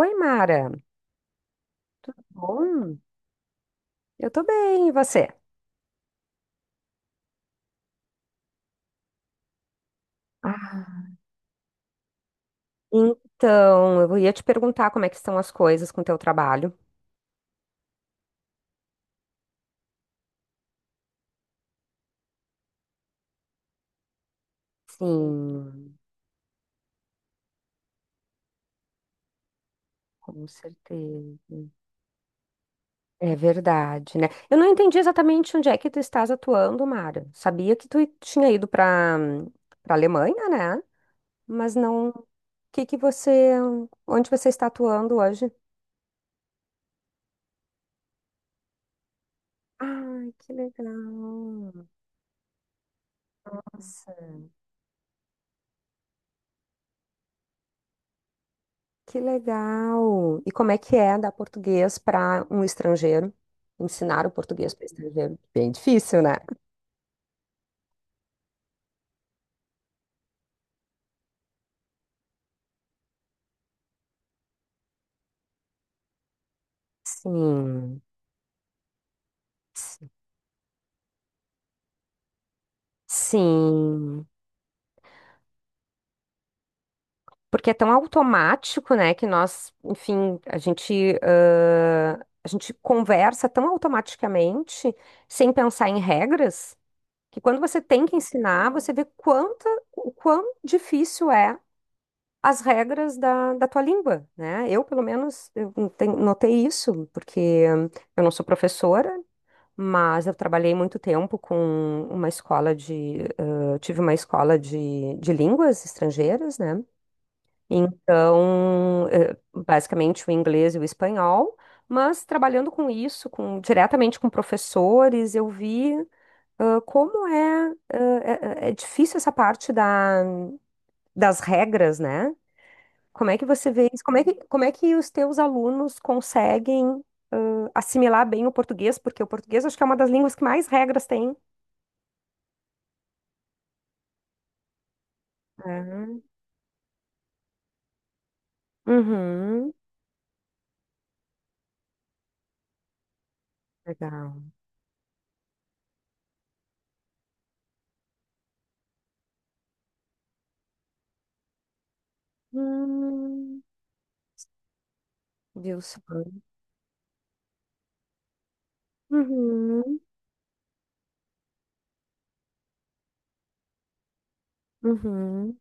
Oi, Mara. Bom, eu tô bem, e você? Ah, então, eu ia te perguntar como é que estão as coisas com o teu trabalho. Sim, com certeza. É verdade, né? Eu não entendi exatamente onde é que tu estás atuando, Mara. Sabia que tu tinha ido para para Alemanha, né? Mas não, o que você, onde você está atuando hoje? Ai, que legal. Nossa. Que legal! E como é que é dar português para um estrangeiro? Ensinar o português para estrangeiro? Bem difícil, né? Sim, s- sim. Porque é tão automático, né, que nós, enfim, a gente conversa tão automaticamente, sem pensar em regras, que quando você tem que ensinar, você vê o quão difícil é as regras da tua língua, né? Eu, pelo menos, eu notei isso, porque eu não sou professora, mas eu trabalhei muito tempo com uma escola de... eh, tive uma escola de línguas estrangeiras, né? Então, basicamente, o inglês e o espanhol, mas trabalhando com isso, diretamente com professores, como é, é difícil essa parte das regras, né? Como é que você vê isso? Como é que os teus alunos conseguem assimilar bem o português? Porque o português acho que é uma das línguas que mais regras tem. Ah. Uhum. Legal. Hum, viu só? Uhum. Uhum.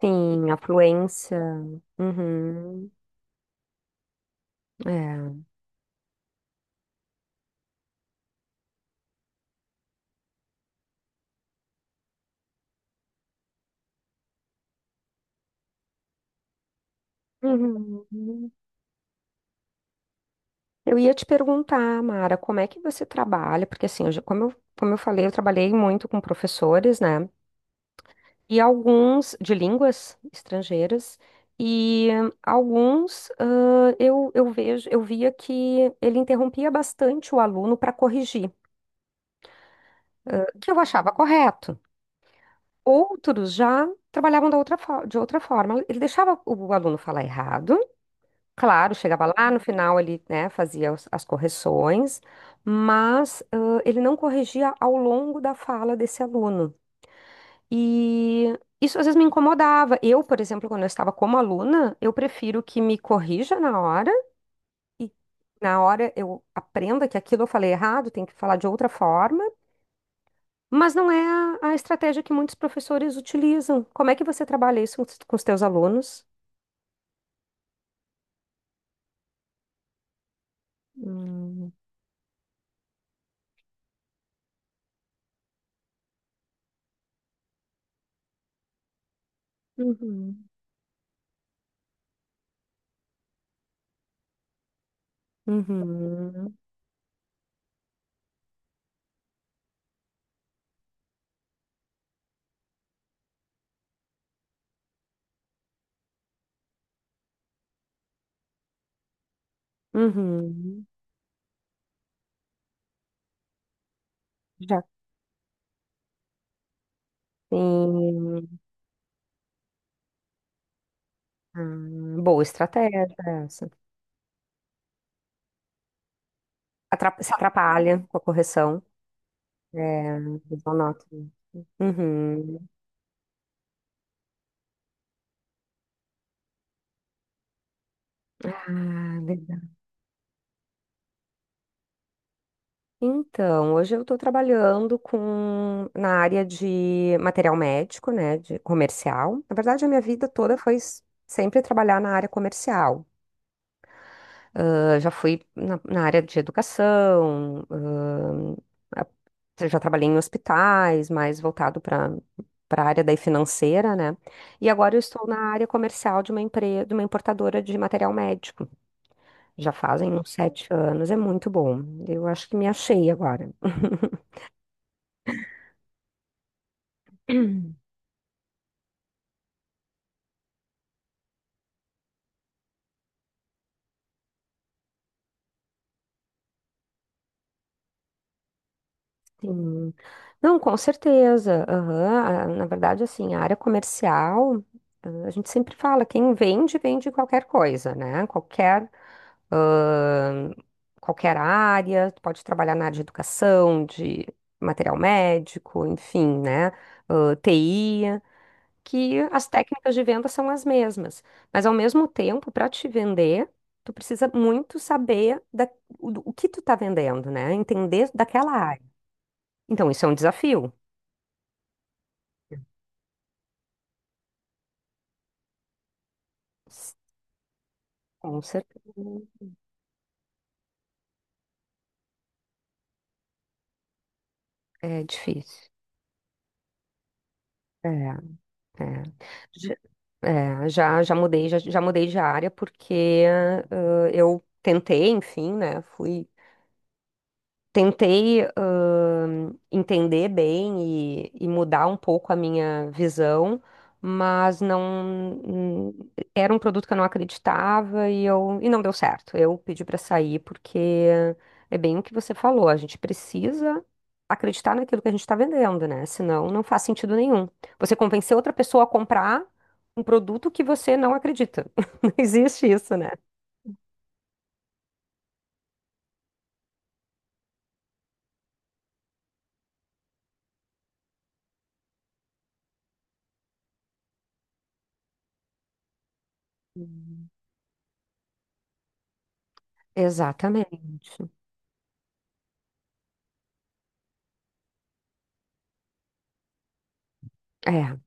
Sim, a fluência. Uhum. É. Uhum. Eu ia te perguntar, Mara, como é que você trabalha? Porque assim, como como eu falei, eu trabalhei muito com professores, né? E alguns de línguas estrangeiras e alguns eu via que ele interrompia bastante o aluno para corrigir, que eu achava correto. Outros já trabalhavam da de outra forma. Ele deixava o aluno falar errado, claro, chegava lá no final ele, né, fazia as correções, mas ele não corrigia ao longo da fala desse aluno. E isso às vezes me incomodava. Eu, por exemplo, quando eu estava como aluna, eu prefiro que me corrija na hora e na hora eu aprenda que aquilo eu falei errado, tem que falar de outra forma, mas não é a estratégia que muitos professores utilizam. Como é que você trabalha isso com os teus alunos? Hum, uhum. Uhum, uhum. Já tem. Ah, boa estratégia essa. Se atrapalha com a correção. É, eles não notam. Uhum. Ah, verdade. Então, hoje eu estou trabalhando com na área de material médico, né, de comercial. Na verdade, a minha vida toda foi sempre trabalhar na área comercial. Ah, já fui na área de educação, ah, já trabalhei em hospitais, mais voltado para para a área daí financeira, né? E agora eu estou na área comercial de uma empresa, de uma importadora de material médico. Já fazem uns sete anos, é muito bom. Eu acho que me achei agora. Sim. Não, com certeza. Aham. Ah, na verdade, assim, a área comercial, a gente sempre fala, quem vende, vende qualquer coisa, né? Ah, qualquer área, tu pode trabalhar na área de educação, de material médico, enfim, né? Ah, TI. Que as técnicas de venda são as mesmas. Mas ao mesmo tempo, para te vender, tu precisa muito saber o que tu está vendendo, né? Entender daquela área. Então, isso é um desafio. S- Com certeza. É difícil. É, é. Já, já mudei, já mudei de área porque eu tentei, enfim, né? Fui Tentei, entender bem e mudar um pouco a minha visão, mas não era um produto que eu não acreditava e não deu certo. Eu pedi para sair porque é bem o que você falou, a gente precisa acreditar naquilo que a gente está vendendo, né? Senão não faz sentido nenhum. Você convencer outra pessoa a comprar um produto que você não acredita. Não existe isso, né? Exatamente. É.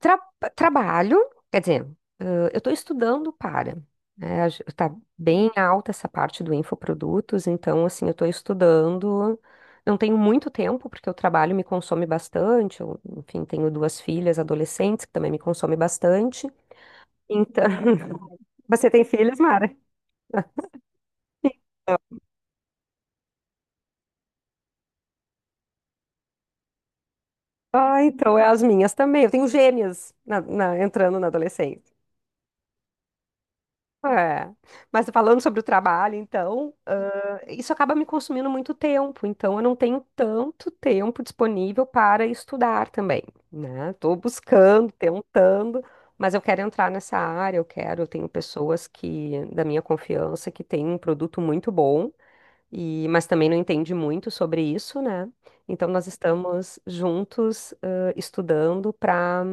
Tra- Trabalho, quer dizer, eh, eu estou estudando para, né? Está bem alta essa parte do infoprodutos, então, assim, eu estou estudando. Não tenho muito tempo, porque o trabalho me consome bastante. Eu, enfim, tenho duas filhas adolescentes que também me consomem bastante. Então, você tem filhas, Mara? Ah, então é as minhas também. Eu tenho gêmeas entrando na adolescência. É. Mas falando sobre o trabalho, então, isso acaba me consumindo muito tempo, então eu não tenho tanto tempo disponível para estudar também, né? Estou buscando, tentando, mas eu quero entrar nessa área, eu tenho pessoas que, da minha confiança, que têm um produto muito bom, mas também não entende muito sobre isso, né? Então nós estamos juntos, estudando para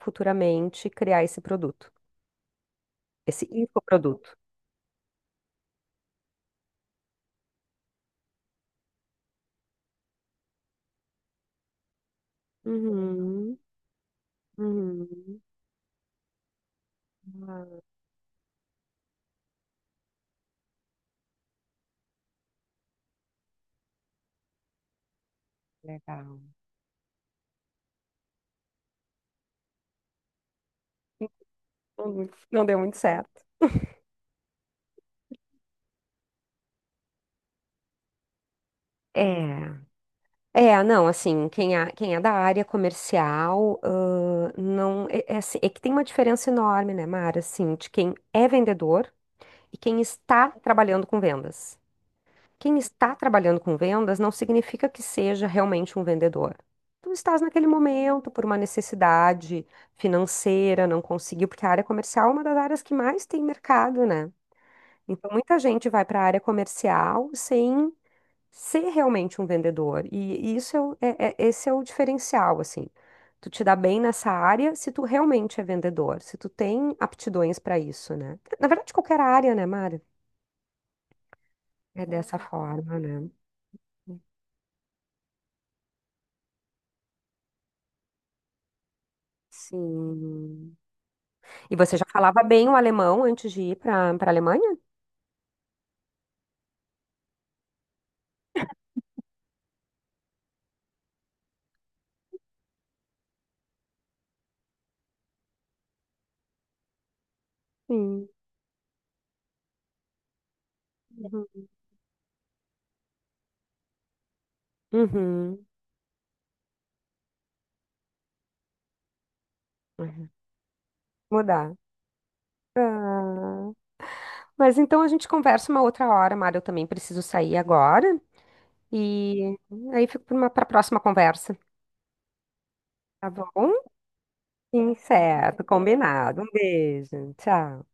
futuramente criar esse produto, esse infoproduto. Uhum, uhum. Ah, legal. Não deu muito certo. É, É, não, assim, quem é da área comercial, não, é, é assim, é que tem uma diferença enorme, né, Mara, assim, de quem é vendedor e quem está trabalhando com vendas. Quem está trabalhando com vendas não significa que seja realmente um vendedor. Tu estás naquele momento por uma necessidade financeira, não conseguiu, porque a área comercial é uma das áreas que mais tem mercado, né? Então, muita gente vai para a área comercial sem ser realmente um vendedor. E isso esse é o diferencial, assim. Tu te dá bem nessa área se tu realmente é vendedor, se tu tem aptidões para isso, né? Na verdade, qualquer área, né, Mara? É dessa forma, né? Sim. E você já falava bem o alemão antes de ir para para a Alemanha? Sim. Uhum. Uhum. Uhum. Mudar. Mas então a gente conversa uma outra hora, Mara. Eu também preciso sair agora. E aí fico para uma próxima conversa, tá bom? Sim, certo, combinado. Um beijo, tchau.